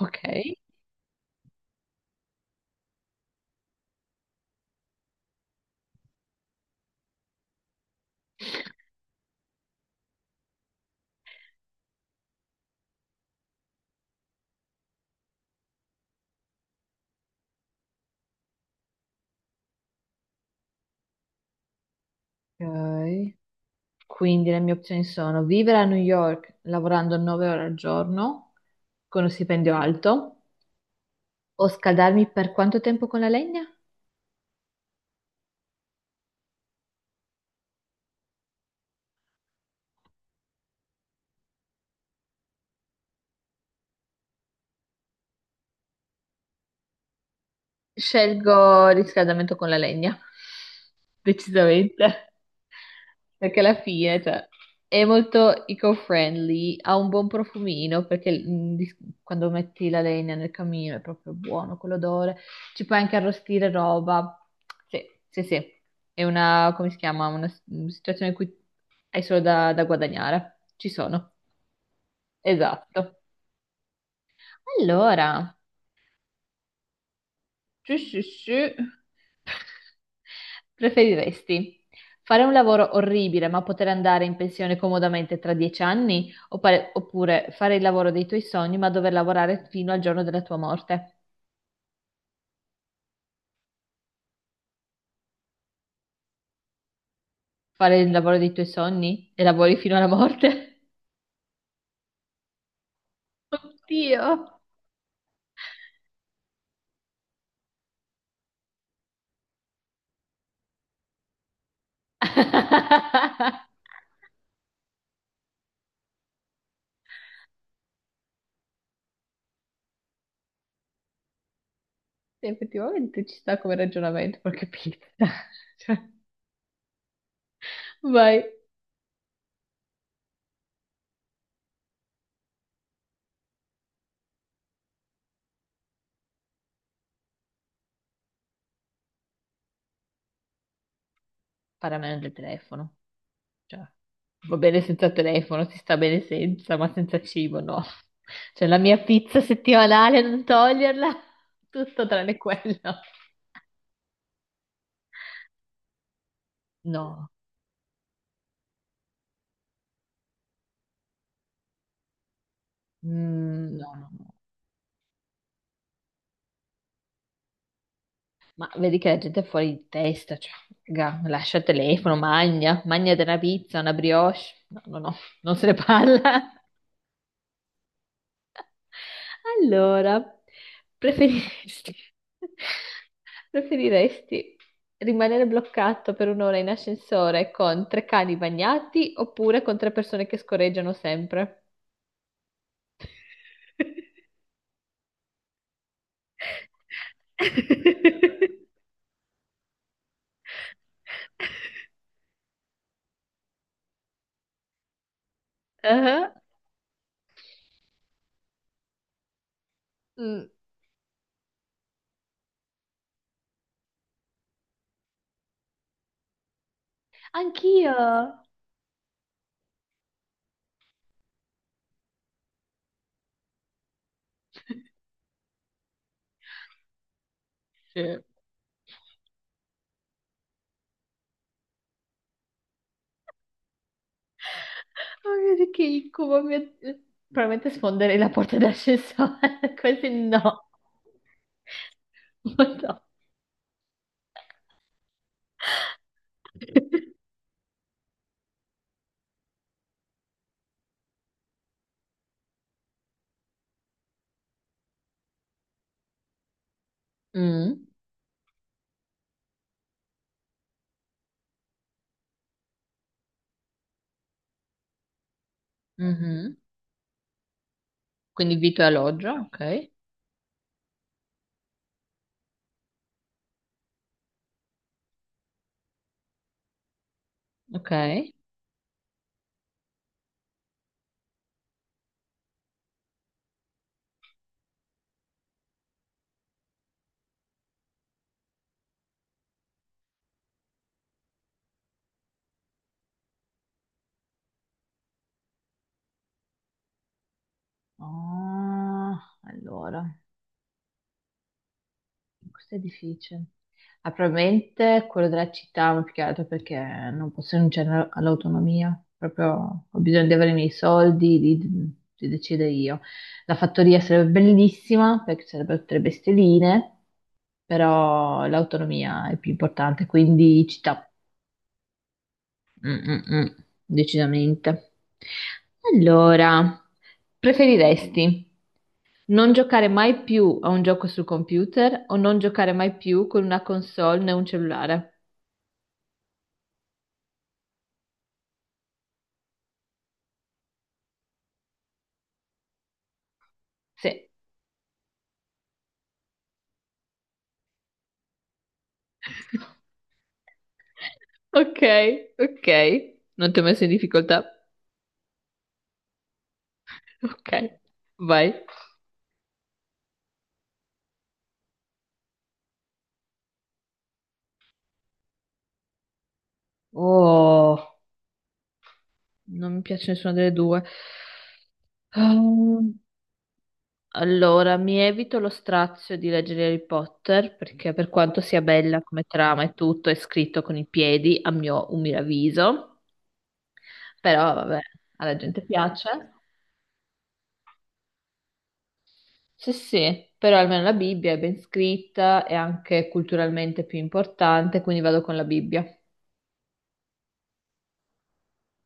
Ok. Ok. Quindi le mie opzioni sono vivere a New York lavorando 9 ore al giorno con uno stipendio alto o scaldarmi per quanto tempo con la legna? Scelgo il riscaldamento con la legna, decisamente, perché alla fine, cioè, è molto eco-friendly, ha un buon profumino, perché quando metti la legna nel camino è proprio buono quell'odore, ci puoi anche arrostire roba, sì, sì, sì, è una, come si chiama, una situazione in cui hai solo da guadagnare, ci sono, esatto. Allora... Sì, sì, sì. Preferiresti fare un lavoro orribile ma poter andare in pensione comodamente tra 10 anni oppure, oppure fare il lavoro dei tuoi sogni ma dover lavorare fino al giorno della tua morte? Fare il lavoro dei tuoi sogni e lavori fino alla morte? Oddio. Sì, effettivamente ci sta come ragionamento, porca pizza. Cioè, vai. Paramento del telefono. Cioè, va bene senza telefono, si sta bene senza, ma senza cibo no. Cioè, la mia pizza settimanale, non toglierla, tutto tranne quello. No, mm, no, no, no. Ma vedi che la gente è fuori di testa, cioè, raga, lascia il telefono, magna, magna della pizza, una brioche. No, no, no, non se ne parla. Allora, preferiresti, preferiresti rimanere bloccato per un'ora in ascensore con tre cani bagnati oppure con tre persone che scorreggiano sempre? Ah, mm. Anch'io. Sì. Oh mio Dio, che incubo, mio Dio. Probabilmente sfonderei la porta d'ascensore, così no. Madonna. Mm, mhm. Quindi vitto e alloggio, ok. Ok. Ah, allora. Questo è difficile. Ah, probabilmente quello della città, ma più che altro perché non posso rinunciare all'autonomia. Proprio ho bisogno di avere i miei soldi, di decidere io. La fattoria sarebbe bellissima perché sarebbero tre bestialine, però l'autonomia è più importante, quindi città, mm, mm, mm, decisamente. Allora, preferiresti? Non giocare mai più a un gioco sul computer o non giocare mai più con una console né un cellulare. Sì. Ok, ok. Non ti ho messo in difficoltà. Ok, vai. Oh, non mi piace nessuna delle due. Ehm, Allora, mi evito lo strazio di leggere Harry Potter perché per quanto sia bella come trama e tutto, è scritto con i piedi, a mio umile avviso. Però vabbè, alla gente piace. Sì, sì, però almeno la Bibbia è ben scritta, è anche culturalmente più importante, quindi vado con la Bibbia.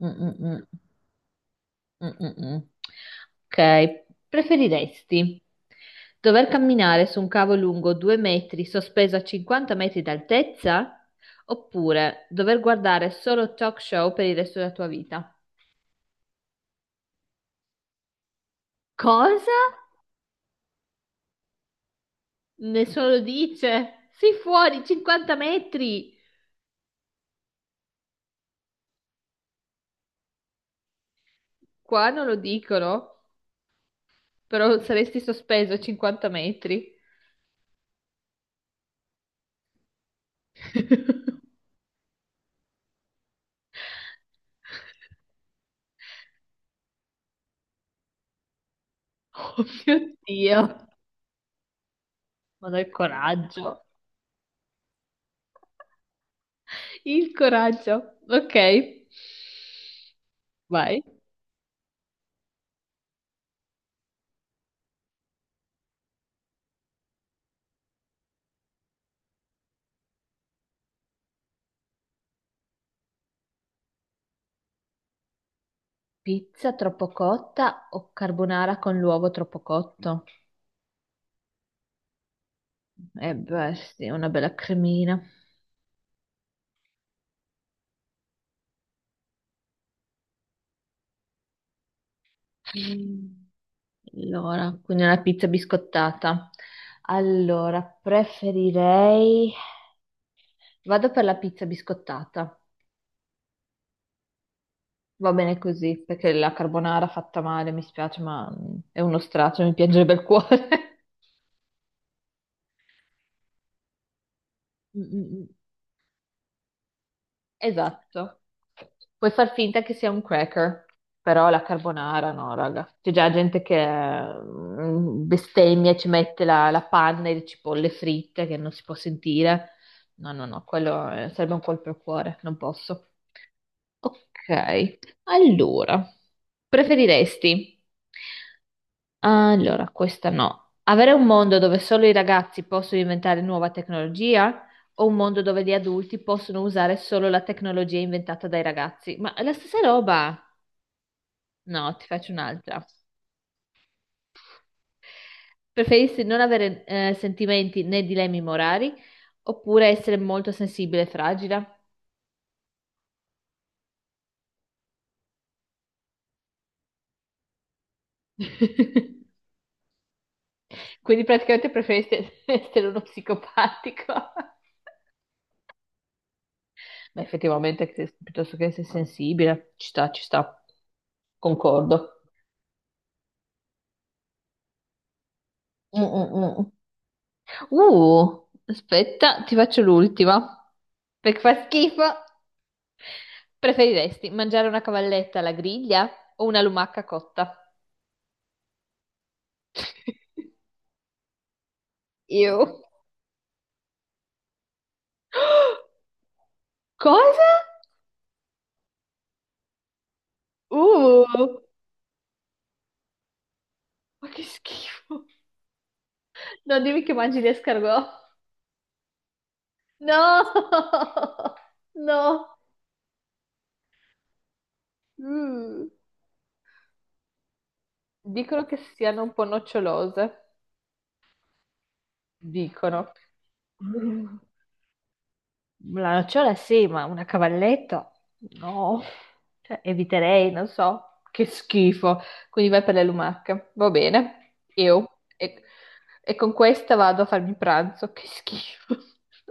Mm, mm, mm. Mm, mm, mm. Ok, preferiresti dover camminare su un cavo lungo 2 metri sospeso a 50 metri d'altezza oppure dover guardare solo talk show per il resto della tua vita? Cosa? Nessuno lo dice. Sei fuori 50 metri. Qua non lo dicono. Però saresti sospeso 50 metri. Oh mio Dio, ma dai coraggio. Il coraggio. Ok, vai. Pizza troppo cotta o carbonara con l'uovo troppo cotto? Eh beh, sì, una bella cremina. Allora, quindi una pizza biscottata. Allora, preferirei... Vado per la pizza biscottata. Va bene così, perché la carbonara fatta male mi spiace, ma è uno straccio, mi piangerebbe il cuore. Mm, mm, mm. Esatto. Puoi far finta che sia un cracker, però la carbonara no, raga. C'è già gente che bestemmia e ci mette la panna e le cipolle fritte che non si può sentire. No, no, no, quello sarebbe un colpo al cuore, non posso. Ok, allora, preferiresti? Allora, questa no. Avere un mondo dove solo i ragazzi possono inventare nuova tecnologia o un mondo dove gli adulti possono usare solo la tecnologia inventata dai ragazzi? Ma è la stessa roba. No, ti faccio un'altra. Preferisci non avere sentimenti né dilemmi morali oppure essere molto sensibile e fragile? Quindi praticamente preferisci essere uno psicopatico. Ma effettivamente, che- piuttosto che essere sensibile, ci sta, ci sta. Concordo. Mm, mm, mm. Aspetta, ti faccio l'ultima. Perché fa schifo. Preferiresti mangiare una cavalletta alla griglia o una lumaca cotta? Io. Cosa? Uh, ma che schifo. Non dimmi che mangi gli escargot. No! No! Mm. Dicono che siano un po' nocciolose. Dicono. Mm. La nocciola sì, ma una cavalletta? No, cioè, eviterei, non so, che schifo. Quindi vai per le lumache, va bene, io. E con questa vado a farmi pranzo, che schifo.